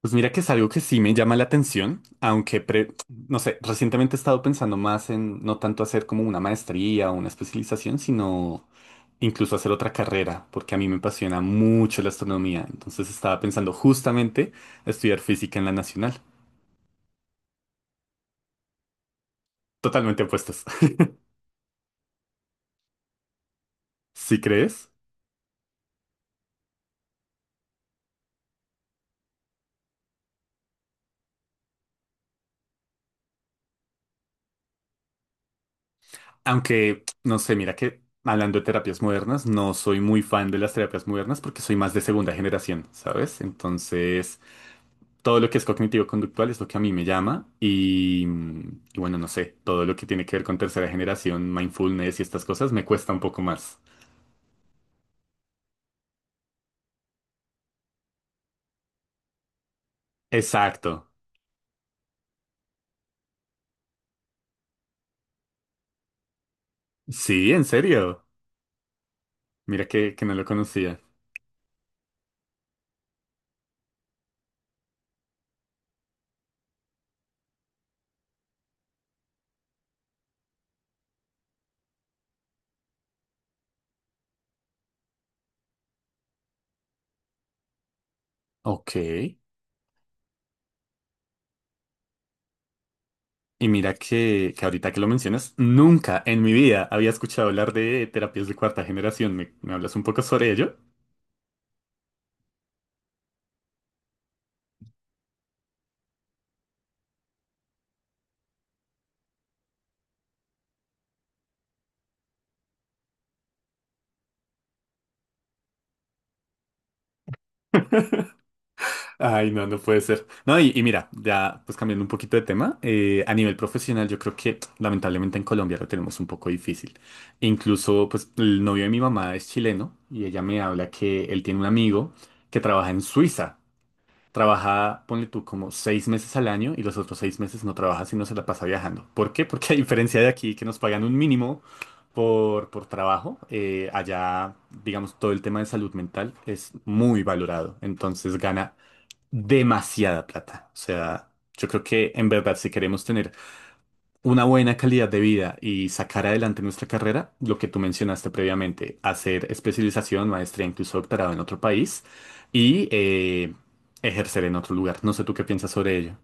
Pues mira que es algo que sí me llama la atención, aunque, no sé, recientemente he estado pensando más en no tanto hacer como una maestría o una especialización, sino incluso hacer otra carrera, porque a mí me apasiona mucho la astronomía. Entonces estaba pensando justamente estudiar física en la nacional. Totalmente opuestas. ¿Sí crees? Aunque, no sé, mira que hablando de terapias modernas, no soy muy fan de las terapias modernas porque soy más de segunda generación, ¿sabes? Entonces, todo lo que es cognitivo-conductual es lo que a mí me llama y bueno, no sé, todo lo que tiene que ver con tercera generación, mindfulness y estas cosas me cuesta un poco más. Exacto. Sí, en serio. Mira que no lo conocía. Ok. Y mira que ahorita que lo mencionas, nunca en mi vida había escuchado hablar de terapias de cuarta generación. ¿Me hablas un poco sobre ello? Ay, no, no puede ser. No, y mira, ya pues cambiando un poquito de tema, a nivel profesional yo creo que lamentablemente en Colombia lo tenemos un poco difícil. Incluso pues el novio de mi mamá es chileno y ella me habla que él tiene un amigo que trabaja en Suiza. Trabaja, ponle tú, como 6 meses al año y los otros 6 meses no trabaja sino se la pasa viajando. ¿Por qué? Porque a diferencia de aquí que nos pagan un mínimo por trabajo, allá, digamos, todo el tema de salud mental es muy valorado. Entonces gana demasiada plata. O sea, yo creo que en verdad si queremos tener una buena calidad de vida y sacar adelante nuestra carrera, lo que tú mencionaste previamente, hacer especialización, maestría, incluso doctorado en otro país y ejercer en otro lugar. No sé tú qué piensas sobre ello.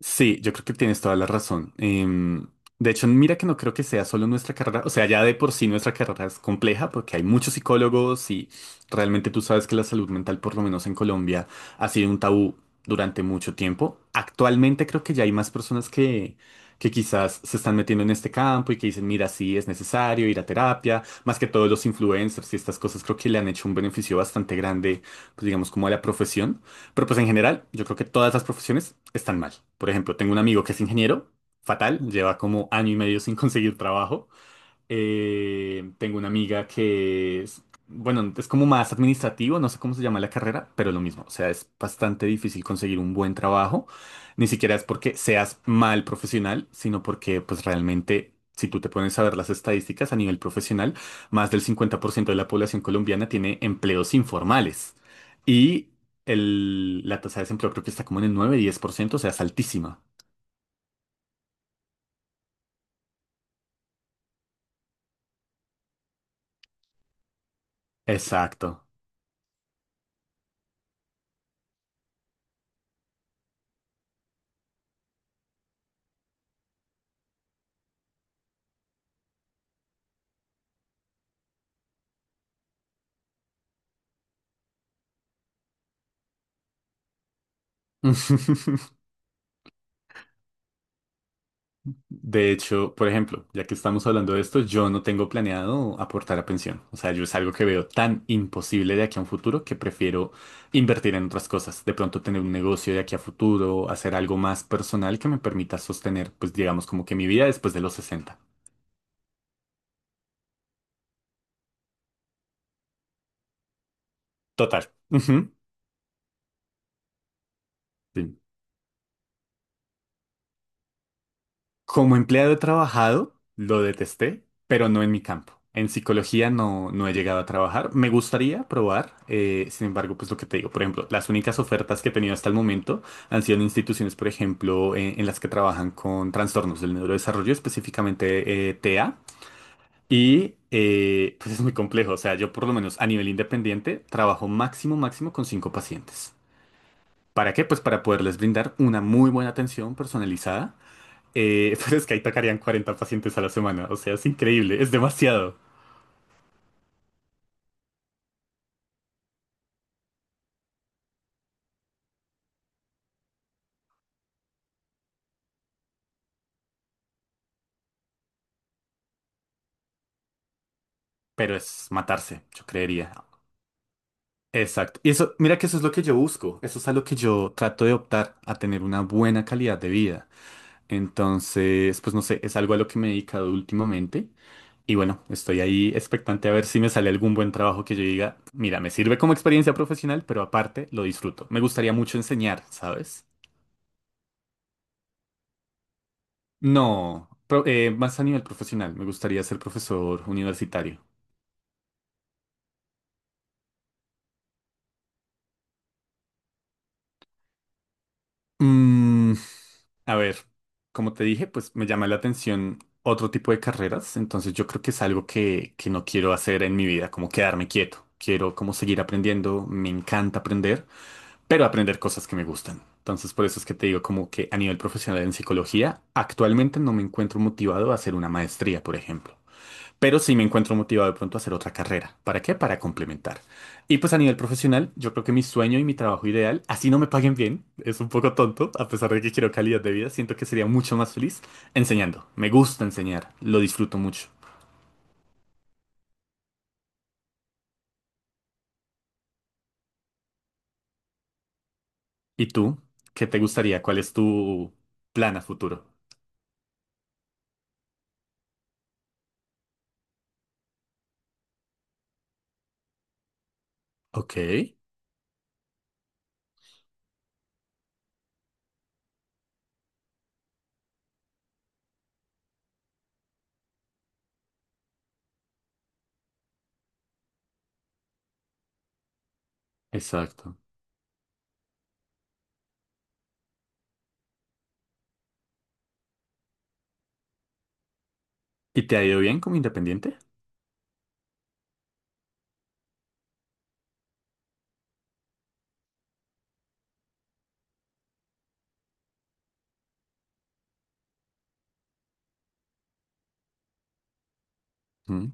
Sí, yo creo que tienes toda la razón. De hecho, mira que no creo que sea solo nuestra carrera, o sea, ya de por sí nuestra carrera es compleja porque hay muchos psicólogos y realmente tú sabes que la salud mental, por lo menos en Colombia, ha sido un tabú durante mucho tiempo. Actualmente creo que ya hay más personas que quizás se están metiendo en este campo y que dicen, mira, sí, es necesario ir a terapia, más que todos los influencers y estas cosas creo que le han hecho un beneficio bastante grande, pues digamos, como a la profesión. Pero pues en general, yo creo que todas las profesiones están mal. Por ejemplo, tengo un amigo que es ingeniero, fatal, lleva como año y medio sin conseguir trabajo. Tengo una amiga que es, bueno, es como más administrativo, no sé cómo se llama la carrera, pero lo mismo, o sea, es bastante difícil conseguir un buen trabajo, ni siquiera es porque seas mal profesional, sino porque pues realmente, si tú te pones a ver las estadísticas a nivel profesional, más del 50% de la población colombiana tiene empleos informales y la tasa de desempleo creo que está como en el 9-10%, o sea, es altísima. Exacto. De hecho, por ejemplo, ya que estamos hablando de esto, yo no tengo planeado aportar a pensión. O sea, yo es algo que veo tan imposible de aquí a un futuro que prefiero invertir en otras cosas. De pronto tener un negocio de aquí a futuro, hacer algo más personal que me permita sostener, pues digamos, como que mi vida después de los 60. Total. Ujú. Sí. Como empleado he trabajado, lo detesté, pero no en mi campo. En psicología no he llegado a trabajar. Me gustaría probar, sin embargo, pues lo que te digo, por ejemplo, las únicas ofertas que he tenido hasta el momento han sido en instituciones, por ejemplo, en las que trabajan con trastornos del neurodesarrollo, específicamente TEA. Y pues es muy complejo, o sea, yo por lo menos a nivel independiente trabajo máximo, máximo con 5 pacientes. ¿Para qué? Pues para poderles brindar una muy buena atención personalizada, pero es que ahí tocarían 40 pacientes a la semana. O sea, es increíble, es demasiado. Pero es matarse, yo creería. Exacto. Y eso, mira que eso es lo que yo busco. Eso es a lo que yo trato de optar, a tener una buena calidad de vida. Entonces, pues no sé, es algo a lo que me he dedicado últimamente. Y bueno, estoy ahí expectante a ver si me sale algún buen trabajo que yo diga, mira, me sirve como experiencia profesional, pero aparte lo disfruto. Me gustaría mucho enseñar, ¿sabes? No, más a nivel profesional, me gustaría ser profesor universitario. Mm, a ver, como te dije, pues me llama la atención otro tipo de carreras, entonces yo creo que es algo que no quiero hacer en mi vida, como quedarme quieto. Quiero como seguir aprendiendo, me encanta aprender, pero aprender cosas que me gustan. Entonces por eso es que te digo como que a nivel profesional en psicología, actualmente no me encuentro motivado a hacer una maestría, por ejemplo. Pero sí me encuentro motivado de pronto a hacer otra carrera. ¿Para qué? Para complementar. Y pues a nivel profesional, yo creo que mi sueño y mi trabajo ideal, así no me paguen bien, es un poco tonto; a pesar de que quiero calidad de vida, siento que sería mucho más feliz enseñando. Me gusta enseñar, lo disfruto mucho. ¿Y tú? ¿Qué te gustaría? ¿Cuál es tu plan a futuro? Ok, exacto. ¿Y te ha ido bien como independiente? Mm.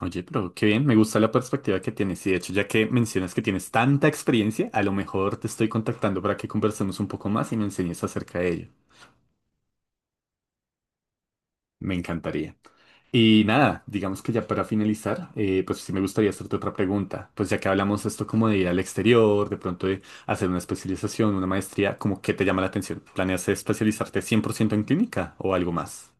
Oye, pero qué bien, me gusta la perspectiva que tienes y de hecho ya que mencionas que tienes tanta experiencia, a lo mejor te estoy contactando para que conversemos un poco más y me enseñes acerca de ello. Me encantaría. Y nada, digamos que ya para finalizar, pues sí me gustaría hacerte otra pregunta. Pues ya que hablamos esto como de ir al exterior, de pronto de hacer una especialización, una maestría, ¿cómo qué te llama la atención? ¿Planeas especializarte 100% en clínica o algo más?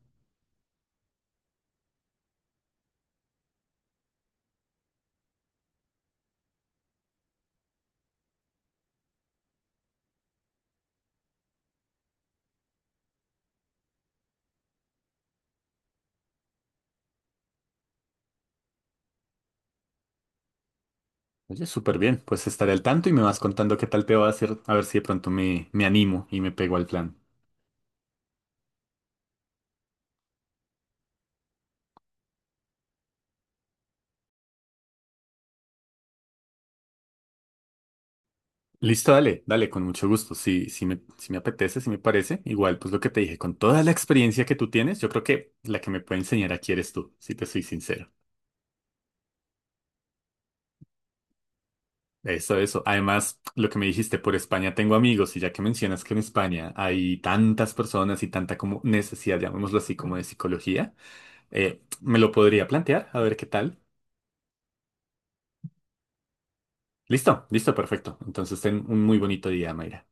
Oye, súper bien, pues estaré al tanto y me vas contando qué tal te va a hacer, a ver si de pronto me animo y me pego al plan. Listo, dale, dale, con mucho gusto. Si me apetece, si me parece. Igual, pues lo que te dije, con toda la experiencia que tú tienes, yo creo que la que me puede enseñar aquí eres tú, si te soy sincero. Eso, eso. Además, lo que me dijiste, por España tengo amigos, y ya que mencionas que en España hay tantas personas y tanta como necesidad, llamémoslo así, como de psicología, me lo podría plantear, a ver qué tal. Listo, listo, perfecto. Entonces, ten un muy bonito día, Mayra.